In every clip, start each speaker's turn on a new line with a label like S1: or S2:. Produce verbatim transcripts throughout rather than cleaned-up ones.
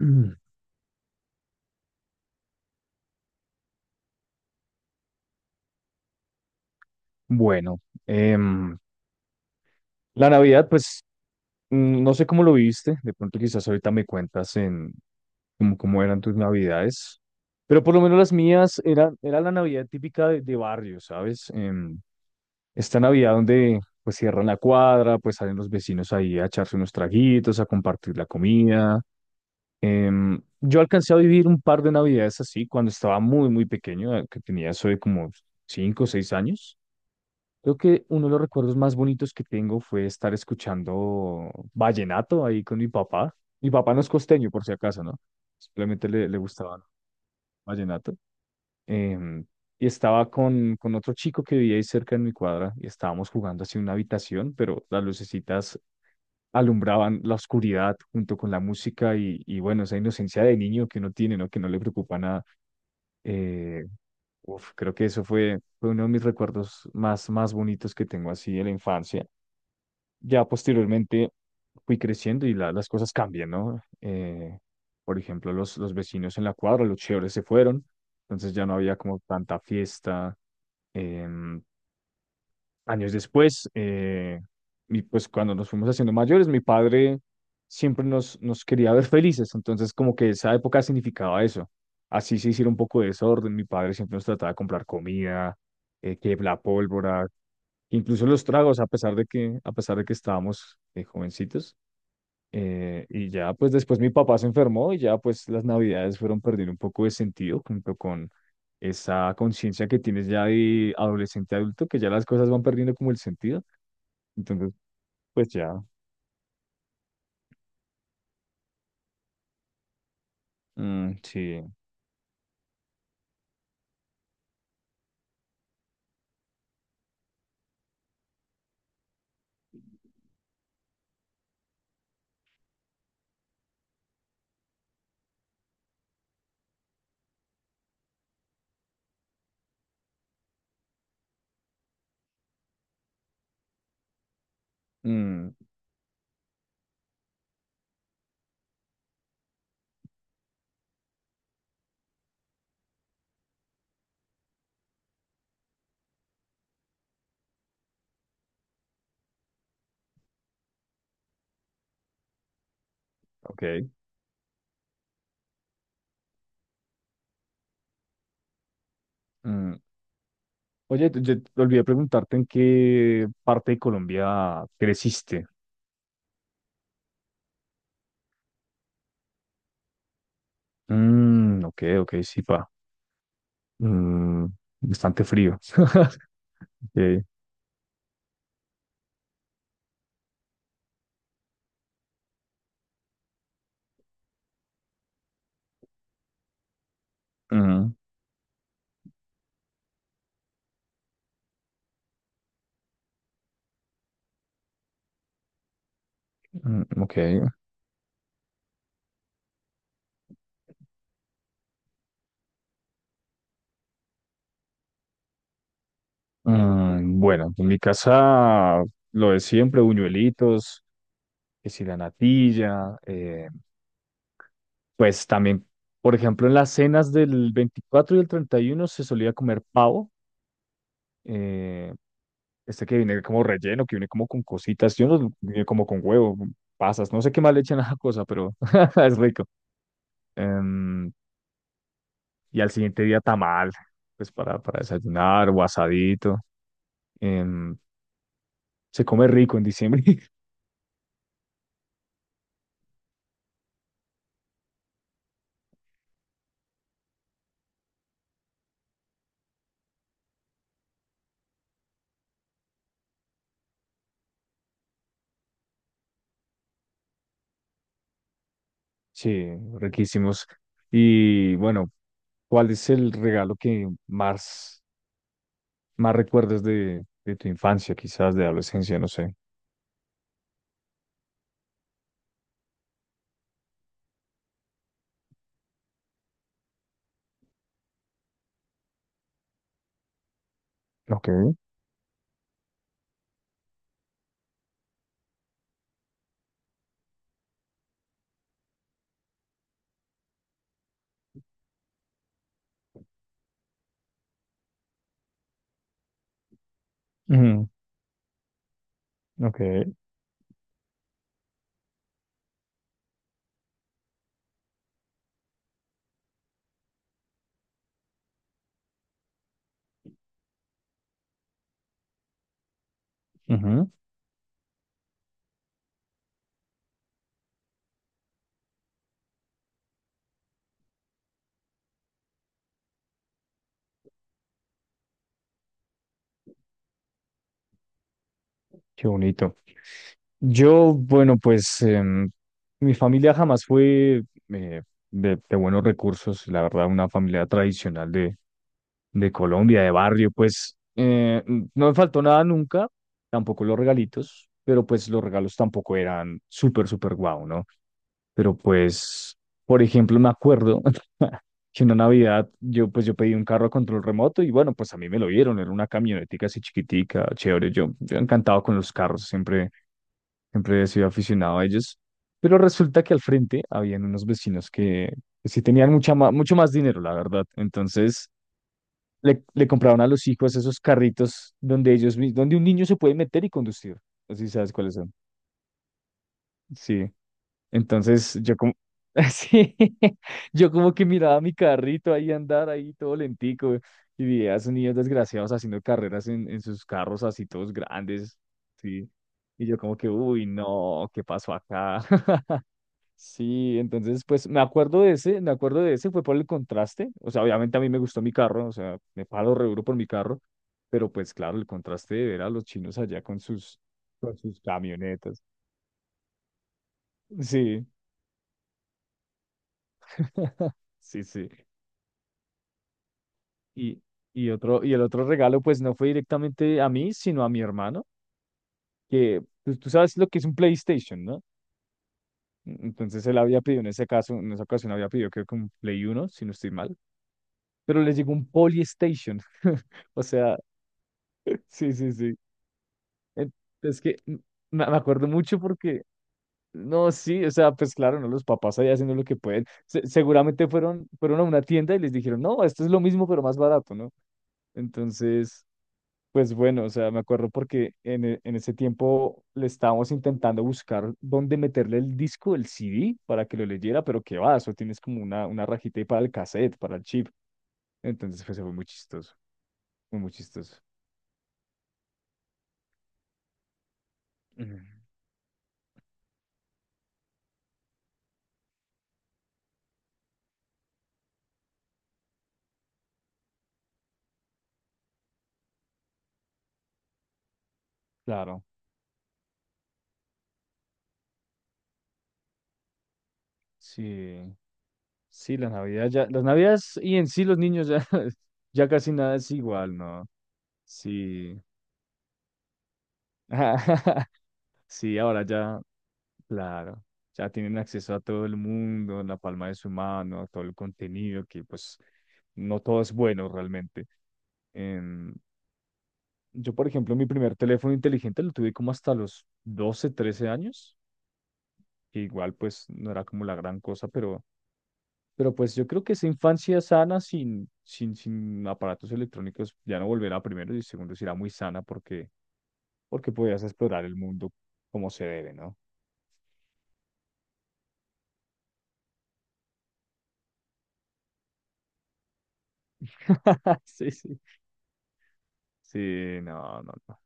S1: Mm. Bueno, em, la Navidad, pues mm, no sé cómo lo viviste, de pronto quizás ahorita me cuentas en cómo, cómo eran tus Navidades, pero por lo menos las mías eran, era la Navidad típica de, de barrio, ¿sabes? Em, esta Navidad donde pues cierran la cuadra, pues salen los vecinos ahí a echarse unos traguitos, a compartir la comida. Em, yo alcancé a vivir un par de Navidades así cuando estaba muy, muy pequeño, eh, que tenía eso de como cinco o seis años. Creo que uno de los recuerdos más bonitos que tengo fue estar escuchando vallenato ahí con mi papá. Mi papá no es costeño, por si acaso, ¿no? Simplemente le, le gustaba vallenato. Em, y estaba con, con otro chico que vivía ahí cerca en mi cuadra y estábamos jugando así en una habitación, pero las lucecitas alumbraban la oscuridad junto con la música y, y bueno, esa inocencia de niño que uno tiene, ¿no? Que no le preocupa nada. Eh, uf, creo que eso fue, fue uno de mis recuerdos más, más bonitos que tengo así de la infancia. Ya posteriormente fui creciendo y la- las cosas cambian, ¿no? Eh, por ejemplo, los, los vecinos en la cuadra, los chéveres se fueron, entonces ya no había como tanta fiesta. em, Años después, eh, y pues cuando nos fuimos haciendo mayores, mi padre siempre nos, nos quería ver felices, entonces como que esa época significaba eso. Así se hiciera un poco de desorden, mi padre siempre nos trataba de comprar comida, eh, que la pólvora, incluso los tragos, a pesar de que, a pesar de que estábamos eh, jovencitos, eh, y ya, pues después mi papá se enfermó y ya, pues las navidades fueron perdiendo un poco de sentido junto con esa conciencia que tienes ya de adolescente adulto, que ya las cosas van perdiendo como el sentido. Entonces, pues ya. Mm, sí. Mm. Ok. Mm. Oye, te- yo te olvidé preguntarte en qué parte de Colombia creciste. Mm, ok, ok, sí, pa. Mm, bastante frío. Ok. Mm. Mm. Ok. Mm, bueno, en mi casa lo de siempre, buñuelitos, que si la natilla, eh, pues también, por ejemplo, en las cenas del veinticuatro y el treinta y uno se solía comer pavo, eh, este que viene como relleno, que viene como con cositas, yo no, lo- viene como con huevo, con pasas, no sé qué más le echan a esa cosa, pero es rico. Em, y al siguiente día tamal, pues para, para desayunar o asadito, em, se come rico en diciembre. Sí, riquísimos. Y bueno, ¿cuál es el regalo que más, más recuerdas de, de tu infancia, quizás de adolescencia? No sé. Ok. Ujú. Ok. Ujú. Qué bonito. Yo, bueno, pues em, mi familia jamás fue eh, de, de buenos recursos, la verdad, una familia tradicional de, de Colombia, de barrio, pues eh, n- no me faltó nada nunca, tampoco los regalitos, pero pues los regalos tampoco eran súper, súper guau, ¿no? Pero pues, por ejemplo, me acuerdo que una Navidad yo pues yo pedí un carro a control remoto y bueno, pues a mí me lo dieron, era una camionetica así chiquitica, chévere, yo, yo encantado con los carros, siempre, siempre he sido aficionado a ellos. Pero resulta que al frente habían unos vecinos que, que sí tenían mucha ma- mucho más dinero, la verdad. Entonces le, le compraron a los hijos esos carritos donde ellos, mis- donde un niño se puede meter y conducir. Así sabes cuáles son. Sí. Entonces yo como, sí, yo como que miraba mi carrito ahí andar ahí todo lentico y veía a esos niños desgraciados haciendo carreras en, en sus carros así todos grandes, sí. Y yo como que, uy, no, ¿qué pasó acá? Sí, entonces pues me acuerdo de ese, me acuerdo de ese, fue por el contraste, o sea, obviamente a mí me gustó mi carro, o sea, me palo re duro por mi carro, pero pues claro, el contraste de ver a los chinos allá con sus, con sus camionetas, sí. Sí, sí. Y, y otro, y el otro regalo, pues no fue directamente a mí, sino a mi hermano, que pues, tú sabes lo que es un PlayStation, ¿no? Entonces él había pedido en ese caso, en esa ocasión había pedido creo que un Play Uno si no estoy mal, pero le llegó un Polystation. O sea, sí, sí, sí. En- Es que m- me me acuerdo mucho porque, no, sí, o sea, pues claro, no, los papás allá haciendo lo que pueden. Se- seguramente fueron, fueron a una tienda y les dijeron, no, esto es lo mismo, pero más barato, ¿no? Entonces, pues bueno, o sea, me acuerdo porque en, e- en ese tiempo le estábamos intentando buscar dónde meterle el disco, el C D, para que lo leyera, pero qué va, eso tienes como una, una rajita ahí para el cassette, para el chip. Entonces, pues fue muy chistoso, fue muy chistoso. Ujú. Claro, sí, sí, la Navidad ya, las Navidades y en sí los niños ya, ya casi nada es igual, ¿no? Sí, sí, ahora ya. Claro, ya tienen acceso a todo el mundo, en la palma de su mano, a todo el contenido, que pues no todo es bueno realmente. Em, yo, por ejemplo, mi primer teléfono inteligente lo tuve como hasta los doce, trece años, que igual pues no era como la gran cosa, pero, pero pues yo creo que esa infancia sana sin, sin, sin aparatos electrónicos ya no volverá primero y segundo será muy sana porque, porque podías explorar el mundo como se debe, ¿no? Sí, sí. Sí, no, no. No.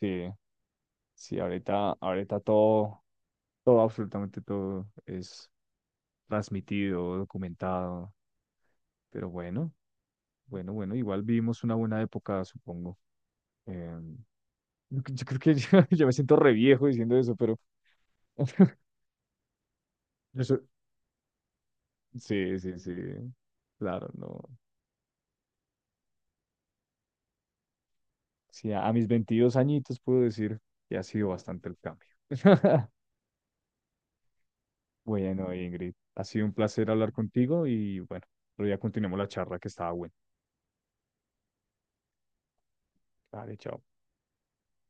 S1: Sí, sí, ahorita, ahorita todo, todo, absolutamente todo es transmitido, documentado, pero bueno, bueno, bueno, igual vivimos una buena época, supongo. Eh, yo, cre- yo creo que yo ya me siento re viejo diciendo eso, pero yo soy- sí, sí, sí, claro, no. Sí, a, a mis veintidós añitos puedo decir que ha sido bastante el cambio. Bueno, Ingrid, ha sido un placer hablar contigo y bueno, otro día continuemos la charla que estaba buena. Vale, chao.